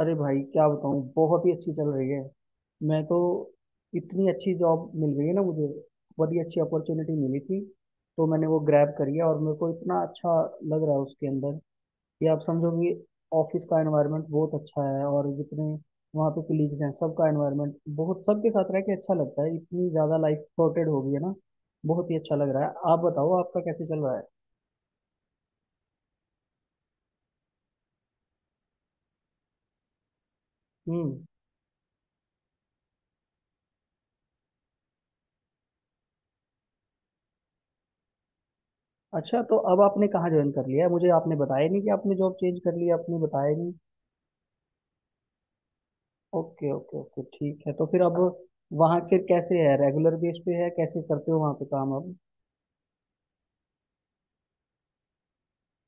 अरे भाई क्या बताऊँ, बहुत ही अच्छी चल रही है। मैं तो इतनी अच्छी जॉब मिल गई है ना मुझे। बहुत ही अच्छी अपॉर्चुनिटी मिली थी तो मैंने वो ग्रैब करी है और मेरे को इतना अच्छा लग रहा है उसके अंदर कि आप समझो कि ऑफिस का एनवायरनमेंट बहुत अच्छा है और जितने वहाँ पे कलीग्स हैं सबका एनवायरनमेंट बहुत, सबके साथ रह के अच्छा लगता है। इतनी ज़्यादा लाइफ सॉर्टेड हो गई है ना। बहुत ही अच्छा लग रहा है। आप बताओ, आपका कैसे चल रहा है? हम्म। अच्छा, तो अब आपने कहाँ ज्वाइन कर लिया है? मुझे आपने बताया नहीं कि आपने जॉब चेंज कर ली है, आपने बताया नहीं। ओके ओके ओके, ठीक है। तो फिर अब वहाँ के कैसे है? रेगुलर बेस पे है? कैसे करते हो वहाँ पे काम अब?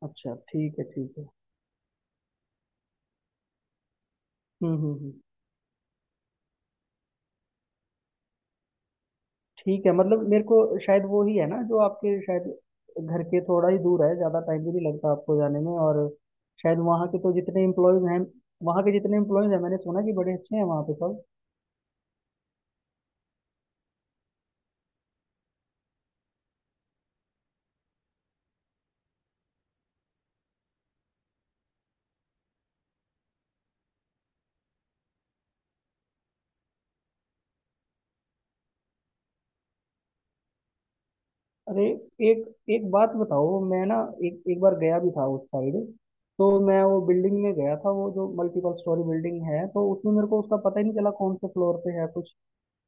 अच्छा ठीक है ठीक है। हम्म। ठीक है। मतलब मेरे को शायद वो ही है ना जो आपके, शायद घर के थोड़ा ही दूर है, ज़्यादा टाइम भी नहीं लगता आपको जाने में। और शायद वहाँ के जितने एम्प्लॉयज़ हैं, मैंने सुना कि बड़े अच्छे हैं वहाँ पे सब। अरे एक एक बात बताओ, मैं ना एक एक बार गया भी था उस साइड। तो मैं वो बिल्डिंग में गया था, वो जो मल्टीपल स्टोरी बिल्डिंग है, तो उसमें मेरे को उसका पता ही नहीं चला कौन से फ्लोर पे है कुछ।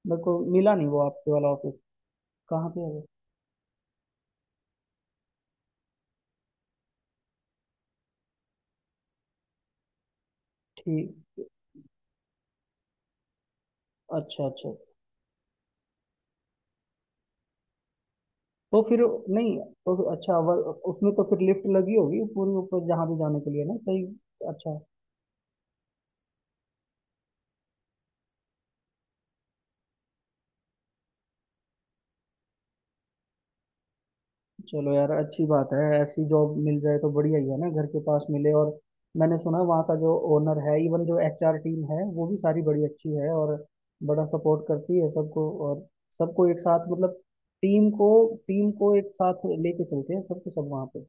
मेरे को मिला नहीं वो आपके वाला ऑफिस। कहाँ पे है वो? ठीक। अच्छा अच्छा। तो फिर नहीं। तो अच्छा उसमें तो फिर लिफ्ट लगी होगी पूरी, ऊपर जहाँ भी जाने के लिए ना सही? अच्छा। चलो यार, अच्छी बात है। ऐसी जॉब मिल जाए तो बढ़िया ही है ना, घर के पास मिले। और मैंने सुना वहाँ का जो ओनर है, इवन जो एचआर टीम है, वो भी सारी बड़ी अच्छी है और बड़ा सपोर्ट करती है सबको, और सबको एक साथ मतलब टीम को टीम को एक साथ लेके चलते हैं सबके सब वहाँ पे।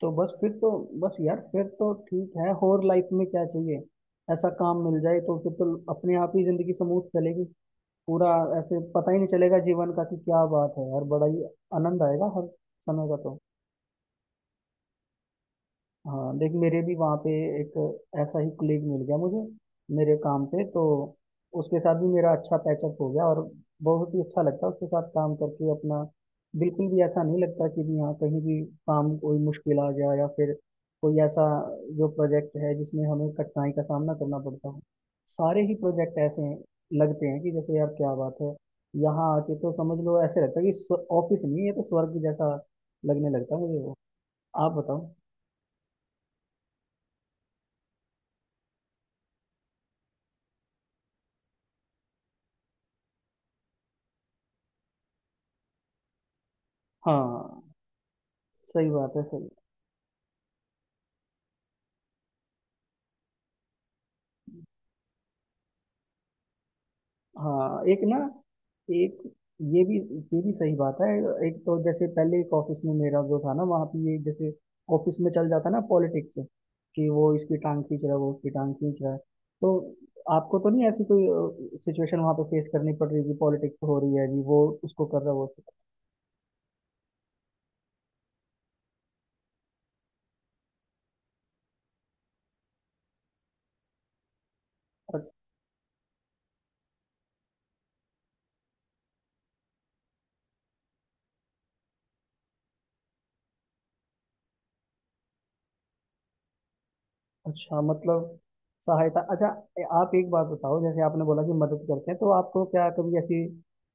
तो बस फिर तो, बस यार फिर तो ठीक है। और लाइफ में क्या चाहिए? ऐसा काम मिल जाए तो फिर तो अपने आप ही जिंदगी स्मूथ चलेगी पूरा। ऐसे पता ही नहीं चलेगा जीवन का कि क्या बात है यार। बड़ा ही आनंद आएगा हर समय का तो। हाँ देख, मेरे भी वहाँ पे एक ऐसा ही कलीग मिल गया मुझे मेरे काम पे। तो उसके साथ भी मेरा अच्छा पैचअप हो गया और बहुत ही अच्छा लगता है उसके साथ काम करके अपना। बिल्कुल भी ऐसा नहीं लगता कि भी हाँ कहीं भी काम कोई मुश्किल आ गया या फिर कोई ऐसा जो प्रोजेक्ट है जिसमें हमें कठिनाई का सामना करना पड़ता हो। सारे ही प्रोजेक्ट ऐसे हैं, लगते हैं कि जैसे यार क्या बात है। यहाँ आके तो समझ लो ऐसे लगता है कि ऑफिस नहीं है ये तो, स्वर्ग जैसा लगने लगता है मुझे वो। आप बताओ। हाँ सही बात है सही। हाँ एक ना, एक ये भी ये भी सही बात है। एक तो जैसे पहले एक ऑफिस में मेरा जो था ना, वहाँ पे ये जैसे ऑफिस में चल जाता ना पॉलिटिक्स, कि वो इसकी टांग खींच रहा है, वो उसकी टांग खींच रहा है। तो आपको तो नहीं ऐसी कोई सिचुएशन वहाँ पे फेस करनी पड़ रही कि पॉलिटिक्स हो रही है जी, वो उसको कर रहा है वो उसको कर रहा है? अच्छा मतलब सहायता, अच्छा। आप एक बात बताओ, जैसे आपने बोला कि मदद करते हैं, तो आपको क्या कभी ऐसी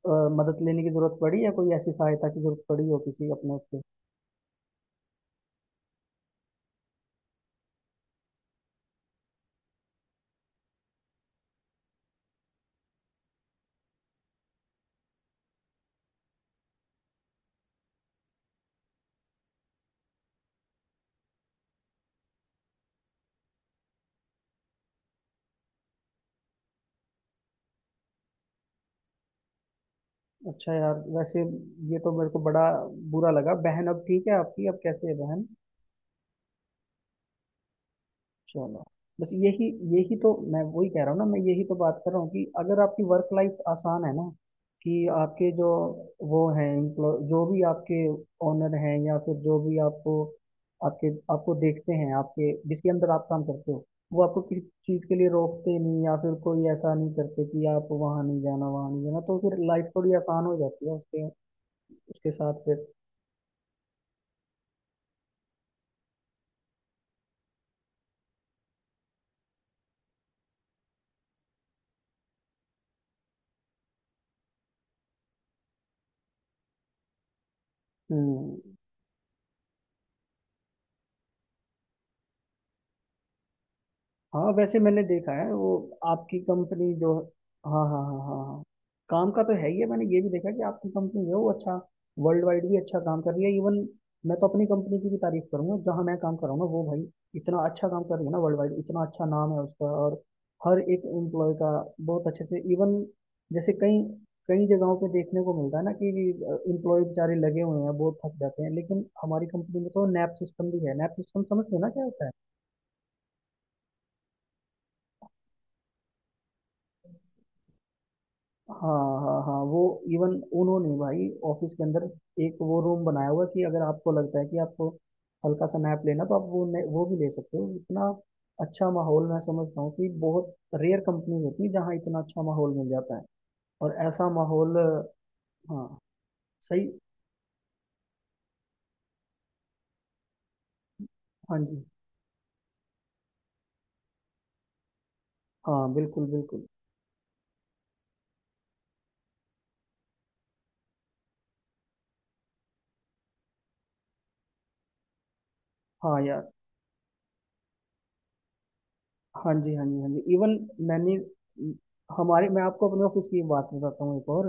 अ, मदद लेने की जरूरत पड़ी या कोई ऐसी सहायता की जरूरत पड़ी हो किसी अपने उससे? अच्छा यार, वैसे ये तो मेरे को बड़ा बुरा लगा। बहन अब ठीक है आपकी? अब कैसे है बहन? चलो। बस यही यही तो मैं वही कह रहा हूँ ना, मैं यही तो बात कर रहा हूँ कि अगर आपकी वर्क लाइफ आसान है ना, कि आपके जो वो हैं एम्प्लॉय जो भी आपके ओनर हैं, या फिर जो भी आपको आपके आपको देखते हैं, आपके जिसके अंदर आप काम करते हो, वो आपको किसी चीज़ के लिए रोकते नहीं या फिर कोई ऐसा नहीं करते कि आप वहाँ नहीं जाना वहाँ नहीं जाना, तो फिर लाइफ थोड़ी आसान हो जाती है उसके उसके साथ फिर। हम्म। हाँ वैसे मैंने देखा है वो आपकी कंपनी जो, हाँ हाँ हाँ हाँ हाँ, काम का तो है ही है। मैंने ये भी देखा कि आपकी कंपनी जो है वो अच्छा वर्ल्ड वाइड भी अच्छा काम कर रही है इवन। मैं तो अपनी कंपनी की भी तारीफ करूंगा, जहाँ मैं काम कर रहा हूँ ना वो, भाई इतना अच्छा काम कर रही है ना वर्ल्ड वाइड, इतना अच्छा नाम है उसका और हर एक एम्प्लॉय का बहुत अच्छे से इवन। जैसे कई कई जगहों पे देखने को मिलता है ना कि एम्प्लॉय बेचारे लगे हुए हैं, बहुत थक जाते हैं, लेकिन हमारी कंपनी में तो नैप सिस्टम भी है। नैप सिस्टम समझते हो ना क्या होता है? हाँ हाँ हाँ। वो इवन उन्होंने भाई ऑफिस के अंदर एक वो रूम बनाया हुआ है कि अगर आपको लगता है कि आपको हल्का सा नैप लेना, तो आप वो भी ले सकते हो। इतना अच्छा माहौल, मैं समझता हूँ कि बहुत रेयर कंपनी होती है जहाँ इतना अच्छा माहौल मिल जाता है। और ऐसा माहौल, हाँ सही, हाँ जी, हाँ बिल्कुल बिल्कुल, हाँ यार, हाँ जी हाँ जी हाँ जी इवन, मैंने हमारे, मैं आपको अपने ऑफिस की बात बताता हूँ एक और।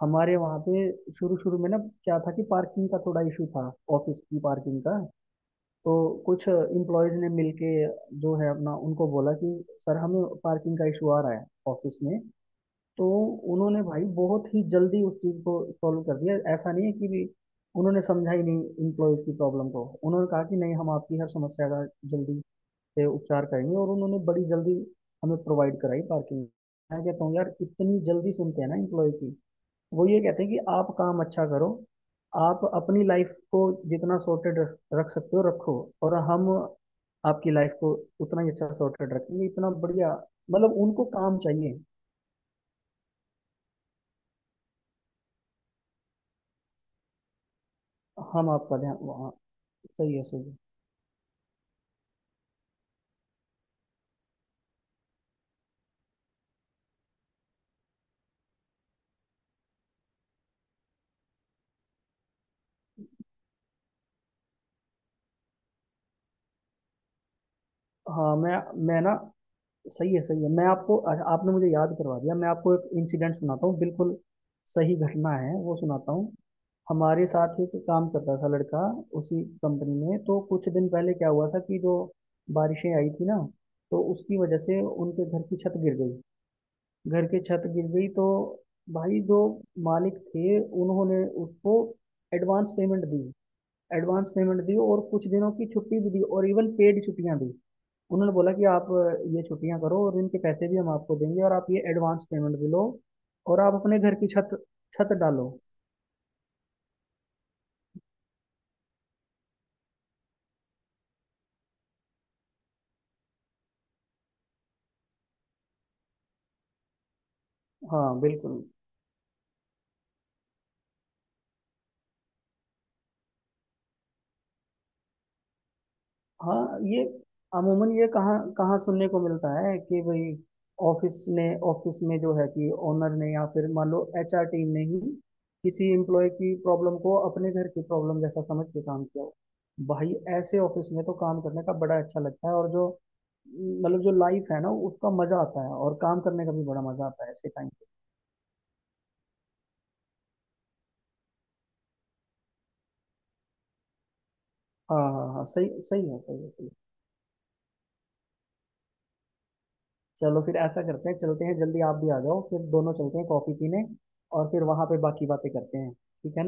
हमारे वहाँ पे शुरू शुरू में ना क्या था कि पार्किंग का थोड़ा इशू था, ऑफिस की पार्किंग का। तो कुछ इम्प्लॉयज ने मिलके जो है अपना उनको बोला कि सर हमें पार्किंग का इशू आ रहा है ऑफिस में। तो उन्होंने भाई बहुत ही जल्दी उस चीज़ को सॉल्व कर दिया। ऐसा नहीं है कि भी उन्होंने समझा ही नहीं इम्प्लॉयज की प्रॉब्लम को। उन्होंने कहा कि नहीं, हम आपकी हर समस्या का जल्दी से उपचार करेंगे, और उन्होंने बड़ी जल्दी हमें प्रोवाइड कराई पार्किंग। मैं कहता हूँ यार इतनी जल्दी सुनते हैं ना इम्प्लॉय की। वो ये कहते हैं कि आप काम अच्छा करो, आप अपनी लाइफ को जितना सॉर्टेड रख रख सकते हो रखो, और हम आपकी लाइफ को उतना ही अच्छा सॉर्टेड रखेंगे। इतना बढ़िया, मतलब उनको काम चाहिए। हम आपका ध्यान वहाँ, सही है सही है। हाँ मैं ना, सही है सही है। मैं आपको अच्छा, आपने मुझे याद करवा दिया, मैं आपको एक इंसिडेंट सुनाता हूँ, बिल्कुल सही घटना है वो सुनाता हूँ। हमारे साथ ही एक काम करता था लड़का उसी कंपनी में। तो कुछ दिन पहले क्या हुआ था कि जो बारिशें आई थी ना, तो उसकी वजह से उनके घर की छत गिर गई। घर की छत गिर गई तो भाई जो मालिक थे, उन्होंने उसको एडवांस पेमेंट दी, एडवांस पेमेंट दी, और कुछ दिनों की छुट्टी भी दी, और इवन पेड छुट्टियां दी। उन्होंने बोला कि आप ये छुट्टियां करो और इनके पैसे भी हम आपको देंगे, और आप ये एडवांस पेमेंट भी लो और आप अपने घर की छत छत डालो। हाँ बिल्कुल। हाँ, ये अमूमन ये कहाँ कहाँ सुनने को मिलता है कि भाई ऑफिस ने ऑफिस में जो है कि ओनर ने या फिर मान लो एचआर टीम ने ही किसी एम्प्लॉय की प्रॉब्लम को अपने घर की प्रॉब्लम जैसा समझ के काम किया हो। भाई ऐसे ऑफिस में तो काम करने का बड़ा अच्छा लगता है, और जो मतलब जो लाइफ है ना उसका मजा आता है और काम करने का भी बड़ा मजा आता है ऐसे टाइम पे। हाँ हाँ हाँ, सही, सही है सही है सही है। चलो फिर ऐसा करते हैं, चलते हैं जल्दी, आप भी आ जाओ, फिर दोनों चलते हैं कॉफी पीने और फिर वहां पे बाकी बातें करते हैं, ठीक है ना?